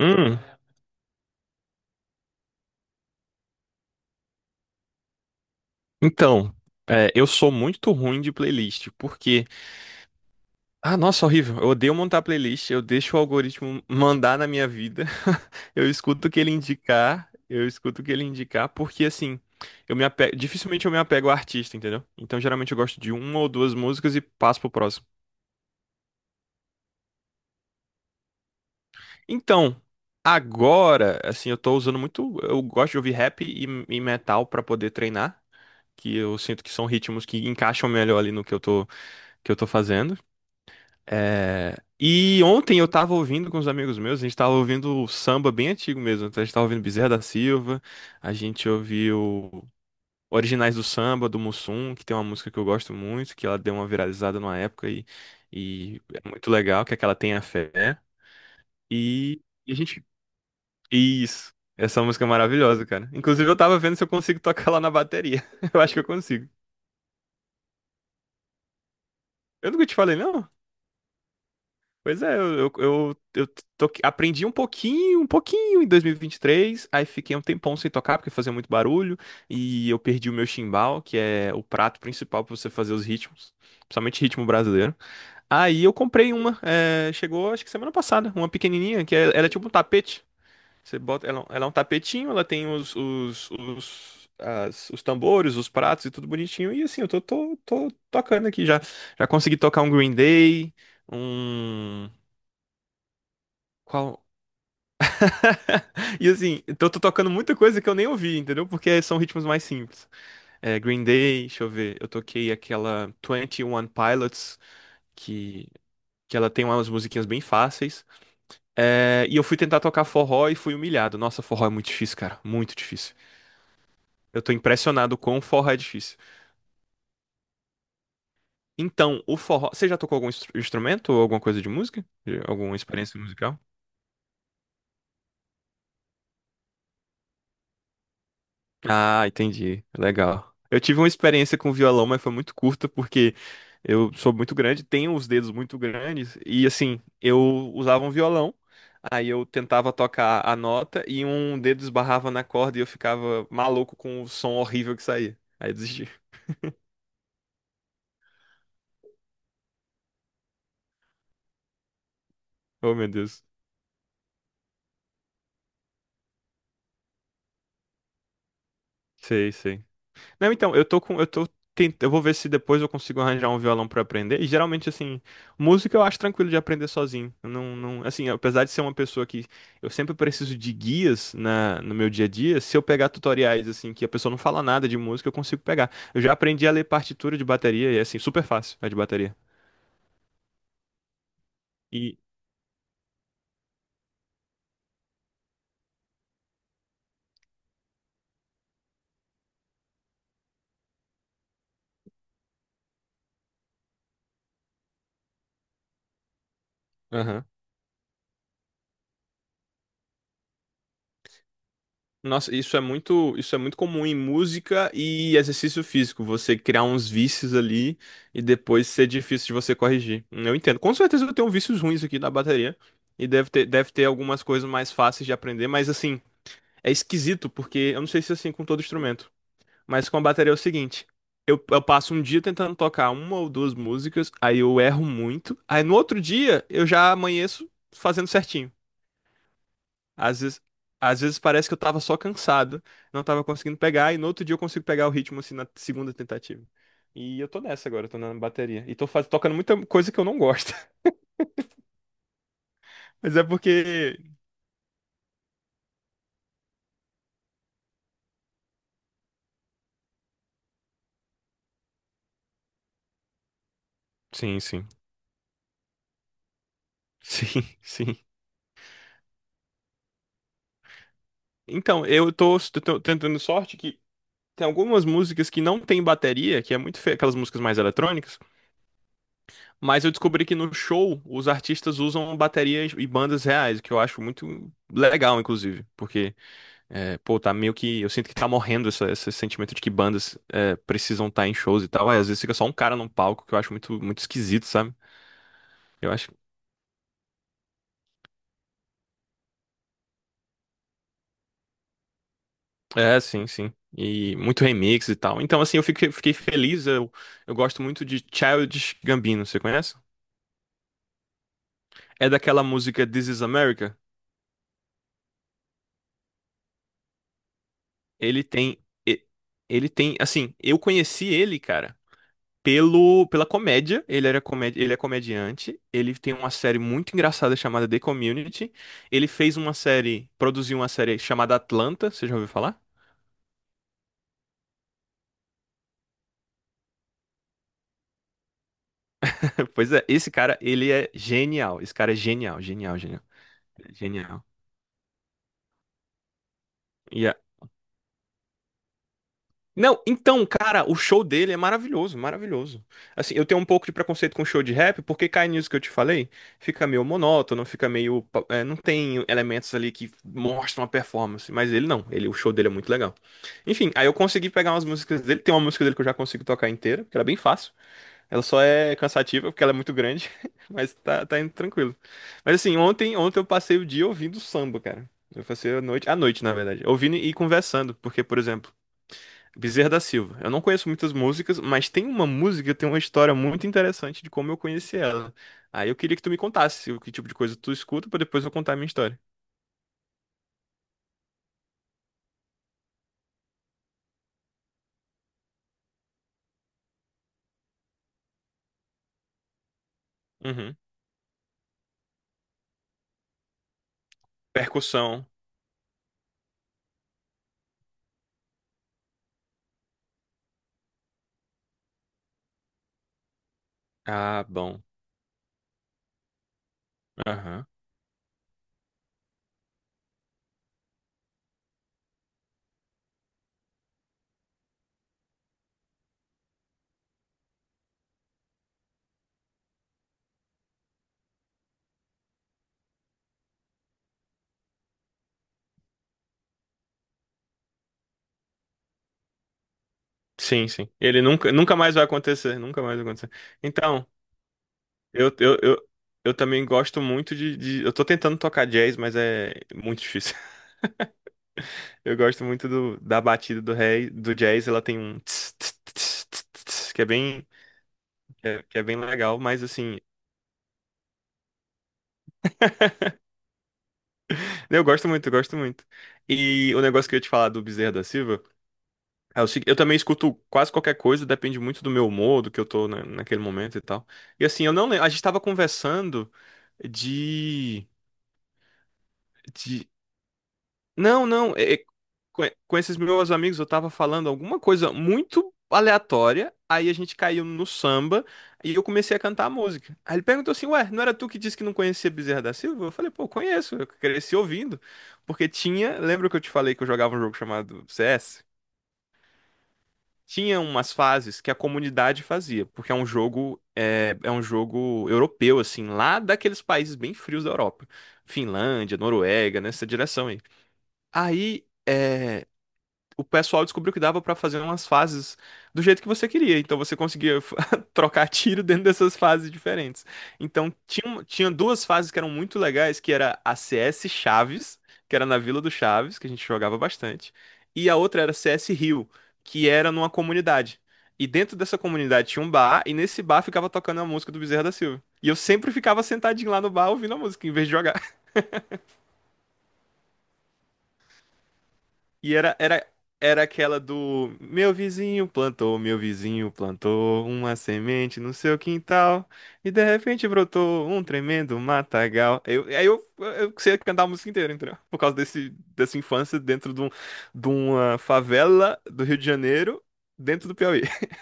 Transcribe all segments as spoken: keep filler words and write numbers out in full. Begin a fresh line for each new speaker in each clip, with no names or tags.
Hum, então, é, eu sou muito ruim de playlist, porque. Ah, nossa, horrível. Eu odeio montar playlist, eu deixo o algoritmo mandar na minha vida. Eu escuto o que ele indicar, eu escuto o que ele indicar, porque assim, eu me apego, dificilmente eu me apego ao artista, entendeu? Então, geralmente eu gosto de uma ou duas músicas e passo pro próximo. Então, agora, assim, eu tô usando muito. Eu gosto de ouvir rap e, e metal pra poder treinar. Que eu sinto que são ritmos que encaixam melhor ali no que eu tô, que eu tô fazendo. É, e ontem eu tava ouvindo com os amigos meus, a gente tava ouvindo samba bem antigo mesmo. Então a gente tava ouvindo Bezerra da Silva, a gente ouviu Originais do Samba, do Mussum, que tem uma música que eu gosto muito, que ela deu uma viralizada numa época e, e é muito legal, que é aquela Tenha Fé. E, e a gente. Isso. Essa música é maravilhosa, cara. Inclusive eu tava vendo se eu consigo tocar lá na bateria. Eu acho que eu consigo. Eu nunca te falei, não? Pois é, eu, eu, eu, eu toque- aprendi um pouquinho, um pouquinho em dois mil e e vinte e três, aí fiquei um tempão sem tocar porque fazia muito barulho e eu perdi o meu chimbal, que é o prato principal pra você fazer os ritmos, principalmente ritmo brasileiro. Aí eu comprei uma, é, chegou acho que semana passada, uma pequenininha, que é, ela é tipo um tapete. Você bota, ela, ela é um tapetinho, ela tem os, os, os, as- os tambores, os pratos e tudo bonitinho. E assim, eu tô, tô, tô tocando aqui já. Já consegui tocar um Green Day. Um. Qual? E assim, então eu tô tocando muita coisa que eu nem ouvi, entendeu? Porque são ritmos mais simples. É, Green Day, deixa eu ver. Eu toquei aquela Twenty One Pilots, que, que ela tem umas musiquinhas bem fáceis. É, e eu fui tentar tocar forró e fui humilhado. Nossa, forró é muito difícil, cara. Muito difícil. Eu tô impressionado com o forró é difícil. Então, o forró. Você já tocou algum instru- instrumento ou alguma coisa de música? De- Alguma experiência musical? Ah, entendi. Legal. Eu tive uma experiência com violão, mas foi muito curta porque eu sou muito grande, tenho os dedos muito grandes e assim, eu usava um violão, aí eu tentava tocar a nota e um dedo esbarrava na corda e eu ficava maluco com o som horrível que saía. Aí eu desisti. Oh, meu Deus. Sei, sei. Não, então, eu tô com, eu tô tent... eu vou ver se depois eu consigo arranjar um violão pra aprender. E geralmente assim, música eu acho tranquilo de aprender sozinho. Eu não, não, assim, apesar de ser uma pessoa que eu sempre preciso de guias na no meu dia a dia, se eu pegar tutoriais assim que a pessoa não fala nada de música, eu consigo pegar. Eu já aprendi a ler partitura de bateria e é assim super fácil a de bateria. E aham. Nossa, isso é muito, isso é muito comum em música e exercício físico, você criar uns vícios ali e depois ser difícil de você corrigir. Eu entendo. Com certeza eu tenho vícios ruins aqui na bateria e deve ter, deve ter algumas coisas mais fáceis de aprender, mas assim, é esquisito porque eu não sei se é assim com todo instrumento, mas com a bateria é o seguinte, eu, eu passo um dia tentando tocar uma ou duas músicas, aí eu erro muito, aí no outro dia eu já amanheço fazendo certinho. Às vezes, às vezes parece que eu tava só cansado, não tava conseguindo pegar, e no outro dia eu consigo pegar o ritmo assim na segunda tentativa. E eu tô nessa agora, eu tô na bateria. E tô faz... tocando muita coisa que eu não gosto. Mas é porque. Sim, sim. Sim, sim. Então, eu tô, s- tô tentando sorte que tem algumas músicas que não tem bateria, que é muito feio, aquelas músicas mais eletrônicas, mas eu descobri que no show os artistas usam baterias e bandas reais, o que eu acho muito legal, inclusive, porque é, pô, tá meio que. Eu sinto que tá morrendo essa- esse sentimento de que bandas é, precisam estar em shows e tal. Aí, às vezes fica só um cara num palco que eu acho muito, muito esquisito, sabe? Eu acho. É, sim, sim. E muito remix e tal. Então, assim, eu fiquei, fiquei feliz. Eu, eu gosto muito de Childish Gambino, você conhece? É daquela música This Is America. Ele tem. e- Ele tem. Assim, eu conheci ele, cara. Pelo, pela comédia. Ele era comédia, ele é comediante. Ele tem uma série muito engraçada chamada The Community. Ele fez uma série, produziu uma série chamada Atlanta. Você já ouviu falar? Pois é, esse cara, ele é genial. Esse cara é genial, genial, genial. Genial. E não, então, cara, o show dele é maravilhoso, maravilhoso. Assim, eu tenho um pouco de preconceito com show de rap, porque cai nisso que eu te falei, fica meio monótono, fica meio, pa- é, não tem elementos ali que mostram a performance, mas ele não, ele, o show dele é muito legal. Enfim, aí eu consegui pegar umas músicas dele, tem uma música dele que eu já consigo tocar inteira, que ela é bem fácil, ela só é cansativa porque ela é muito grande, mas tá, tá indo tranquilo. Mas assim, ontem, ontem eu passei o dia ouvindo samba, cara. Eu passei a noite, a noite, na verdade, ouvindo e conversando, porque, por exemplo, Bezerra da Silva. Eu não conheço muitas músicas, mas tem uma música que tem uma história muito interessante de como eu conheci ela. Aí eu queria que tu me contasse o que tipo de coisa tu escuta pra depois eu contar a minha história. Uhum. Percussão. Ah, bom. Aham. Sim, sim. Ele nunca, nunca mais vai acontecer, nunca mais vai acontecer. Então, eu, eu, eu, eu também gosto muito de, de- Eu tô tentando tocar jazz, mas é muito difícil. Eu gosto muito do, da batida do rei, do jazz, ela tem um tss, tss, tss, tss, tss, que é bem, que é, que é bem legal, mas assim, eu gosto muito, eu gosto muito. E o negócio que eu ia te falar do Bezerra da Silva é o seguinte, eu também escuto quase qualquer coisa, depende muito do meu humor, do que eu tô na- naquele momento e tal. E assim, eu não lembro, a gente tava conversando de, de... Não, não, é- é com, com esses meus amigos, eu tava falando alguma coisa muito aleatória, aí a gente caiu no samba e eu comecei a cantar a música. Aí ele perguntou assim: Ué, não era tu que disse que não conhecia Bezerra da Silva? Eu falei: Pô, conheço, eu cresci ouvindo. Porque tinha, lembra que eu te falei que eu jogava um jogo chamado C S? Tinha umas fases que a comunidade fazia, porque é um jogo, é, é um jogo europeu, assim, lá daqueles países bem frios da Europa. Finlândia, Noruega, nessa direção aí. Aí. É, o pessoal descobriu que dava pra fazer umas fases do jeito que você queria. Então você conseguia trocar tiro dentro dessas fases diferentes. Então tinha, um- tinha duas fases que eram muito legais, que era a C S Chaves, que era na Vila do Chaves, que a gente jogava bastante, e a outra era C S Rio, que era numa comunidade. E dentro dessa comunidade tinha um bar, e nesse bar ficava tocando a música do Bezerra da Silva. E eu sempre ficava sentadinho lá no bar ouvindo a música, em vez de jogar. E era, era, era aquela do meu vizinho plantou, meu vizinho plantou uma semente no seu quintal e de repente brotou um tremendo matagal. Eu, aí eu, eu sei cantar a música inteira, entendeu? Por causa desse, dessa infância dentro de, um, de uma favela do Rio de Janeiro, dentro do Piauí.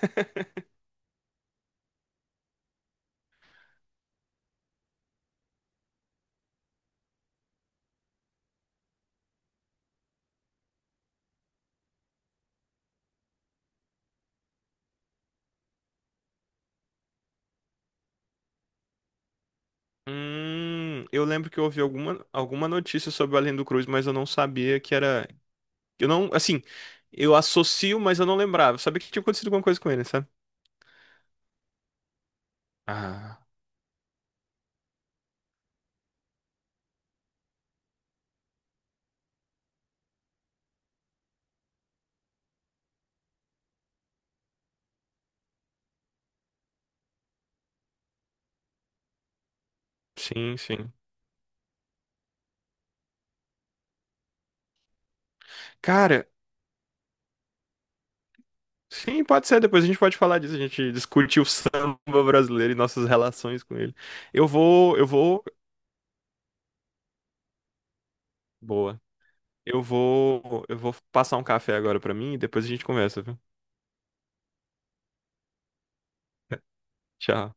Hum, eu lembro que eu ouvi alguma, alguma notícia sobre o Além do Cruz, mas eu não sabia que era. Eu não, assim, eu associo, mas eu não lembrava. Eu sabia que tinha acontecido alguma coisa com ele, sabe? Ah. Sim, sim. Cara, sim, pode ser. Depois a gente pode falar disso. A gente discute o samba brasileiro e nossas relações com ele. Eu vou, eu vou. Boa. Eu vou, eu vou passar um café agora pra mim e depois a gente conversa, viu? Tchau.